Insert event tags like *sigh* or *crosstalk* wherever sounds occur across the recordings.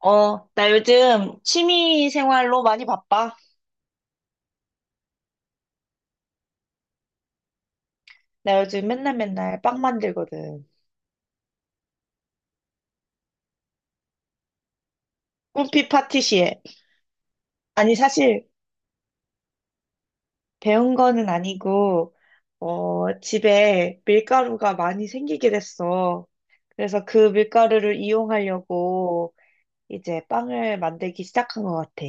어, 나 요즘 취미 생활로 많이 바빠. 나 요즘 맨날 맨날 빵 만들거든. 꿈피 파티시에. 아니, 사실 배운 거는 아니고, 집에 밀가루가 많이 생기게 됐어. 그래서 그 밀가루를 이용하려고 이제 빵을 만들기 시작한 것 같아.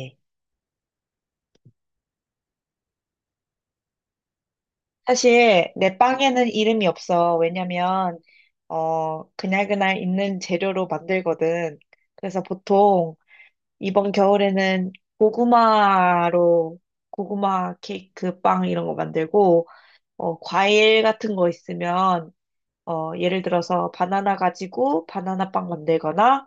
사실 내 빵에는 이름이 없어. 왜냐면, 그날그날 있는 재료로 만들거든. 그래서 보통 이번 겨울에는 고구마로 고구마 케이크 빵 이런 거 만들고 과일 같은 거 있으면 예를 들어서 바나나 가지고 바나나 빵 만들거나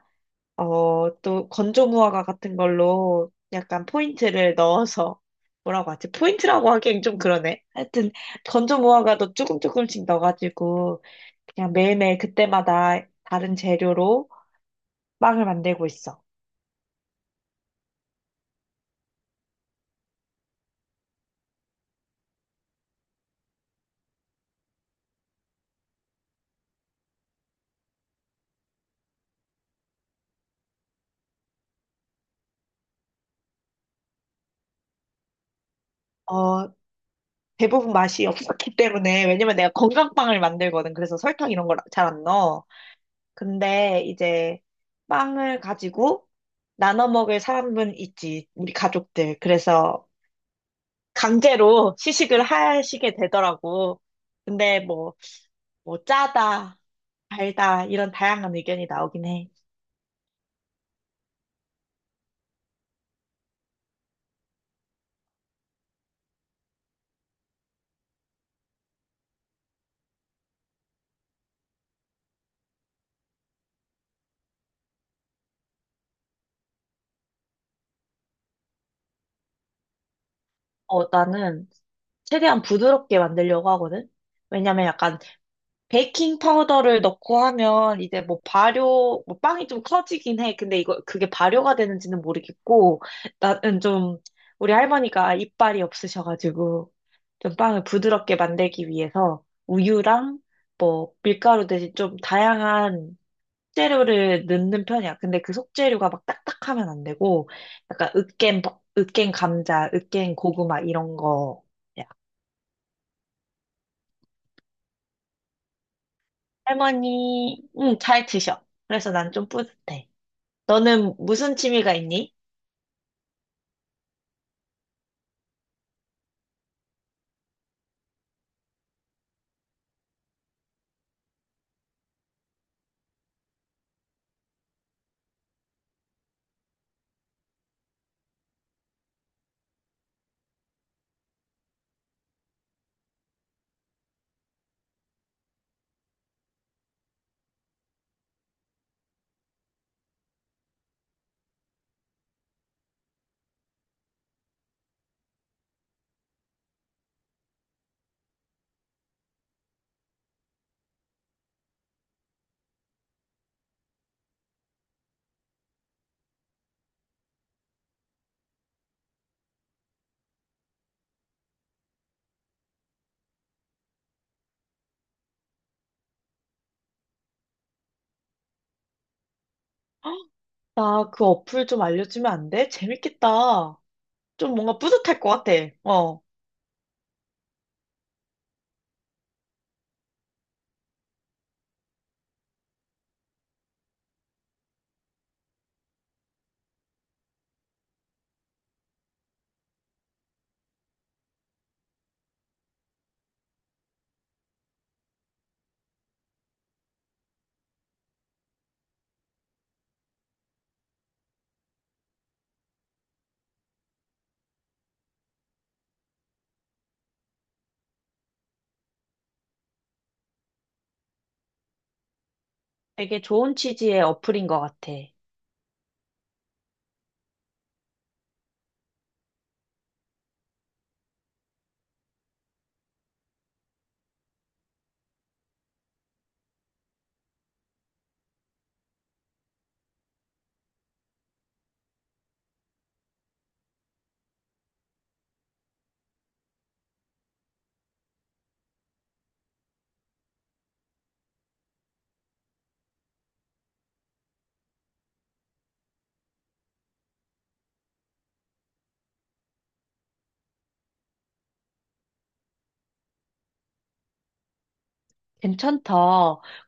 또 건조 무화과 같은 걸로 약간 포인트를 *laughs* 넣어서 뭐라고 하지? 포인트라고 하기엔 좀 그러네. 하여튼 건조 무화과도 조금 조금씩 넣어가지고 그냥 매일매일 그때마다 다른 재료로 빵을 만들고 있어. 어, 대부분 맛이 없었기 때문에 왜냐면 내가 건강빵을 만들거든. 그래서 설탕 이런 걸 잘 안 넣어. 근데 이제 빵을 가지고 나눠 먹을 사람은 있지. 우리 가족들. 그래서 강제로 시식을 하시게 되더라고. 근데 뭐, 뭐 짜다, 달다 이런 다양한 의견이 나오긴 해. 어, 나는 최대한 부드럽게 만들려고 하거든. 왜냐면 약간 베이킹 파우더를 넣고 하면 이제 뭐 발효, 뭐 빵이 좀 커지긴 해. 근데 이거 그게 발효가 되는지는 모르겠고, 나는 좀 우리 할머니가 이빨이 없으셔가지고 좀 빵을 부드럽게 만들기 위해서 우유랑 뭐 밀가루 대신 좀 다양한 속재료를 넣는 편이야. 근데 그 속재료가 막 딱딱하면 안 되고, 약간 으깬, 으깬 감자, 으깬 고구마 이런 거야. 할머니, 응, 잘 드셔. 그래서 난 좀 뿌듯해. 너는 무슨 취미가 있니? 나 그 어플 좀 알려주면 안 돼? 재밌겠다. 좀 뭔가 뿌듯할 것 같아. 어. 되게 좋은 취지의 어플인 것 같아. 괜찮다.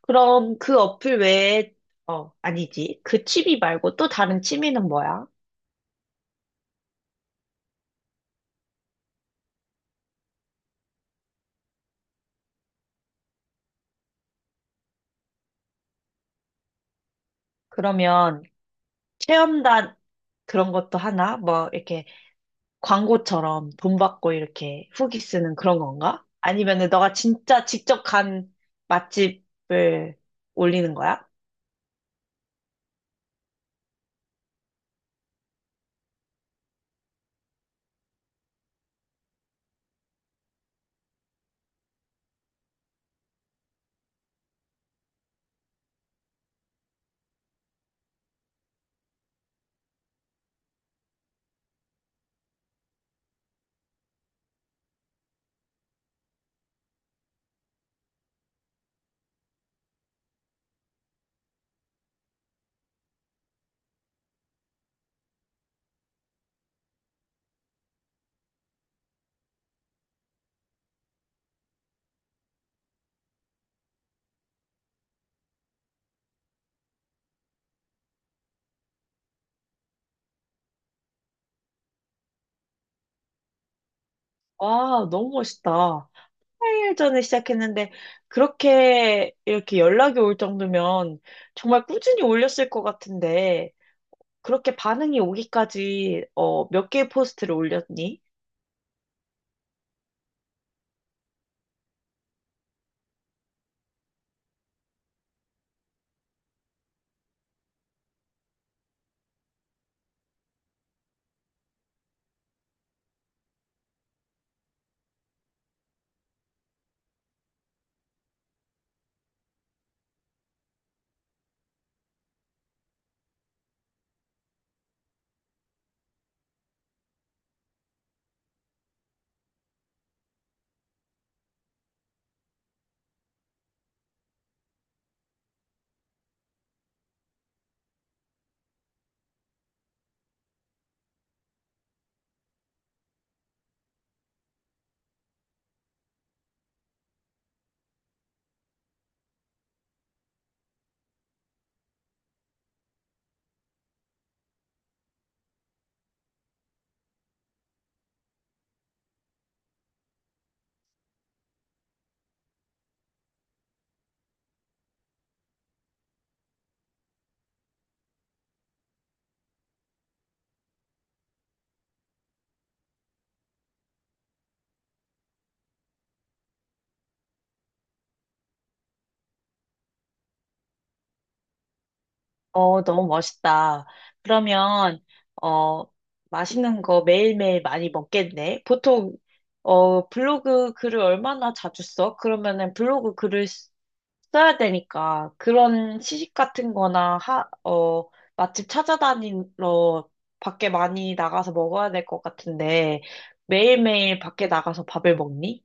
그럼 그 어플 외에, 아니지. 그 취미 말고 또 다른 취미는 뭐야? 그러면 체험단 그런 것도 하나? 뭐, 이렇게 광고처럼 돈 받고 이렇게 후기 쓰는 그런 건가? 아니면은 너가 진짜 직접 간 맛집을 올리는 거야? 와, 너무 멋있다. 8일 전에 시작했는데, 그렇게 이렇게 연락이 올 정도면 정말 꾸준히 올렸을 것 같은데, 그렇게 반응이 오기까지, 몇 개의 포스트를 올렸니? 어, 너무 멋있다. 그러면, 어, 맛있는 거 매일매일 많이 먹겠네. 보통, 블로그 글을 얼마나 자주 써? 그러면은 블로그 글을 써야 되니까 그런 시식 같은 거나 맛집 찾아다니러 밖에 많이 나가서 먹어야 될 것 같은데 매일매일 밖에 나가서 밥을 먹니?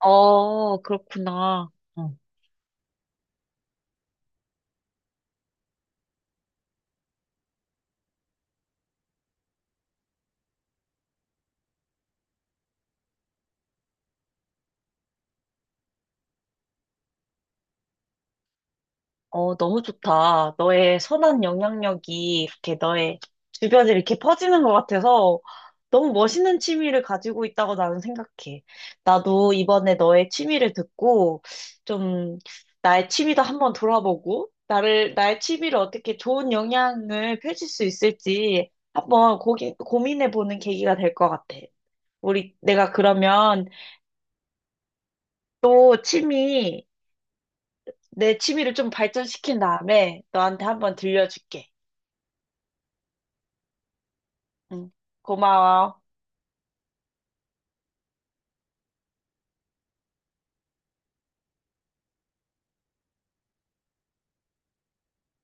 어, 그렇구나. 어, 너무 좋다. 너의 선한 영향력이 이렇게 너의 주변에 이렇게 퍼지는 것 같아서 너무 멋있는 취미를 가지고 있다고 나는 생각해. 나도 이번에 너의 취미를 듣고 좀 나의 취미도 한번 돌아보고 나의 취미를 어떻게 좋은 영향을 펼칠 수 있을지 한번 고민해보는 계기가 될 것 같아. 내가 그러면 또 취미, 내 취미를 좀 발전시킨 다음에 너한테 한번 들려줄게. 응. 고마워.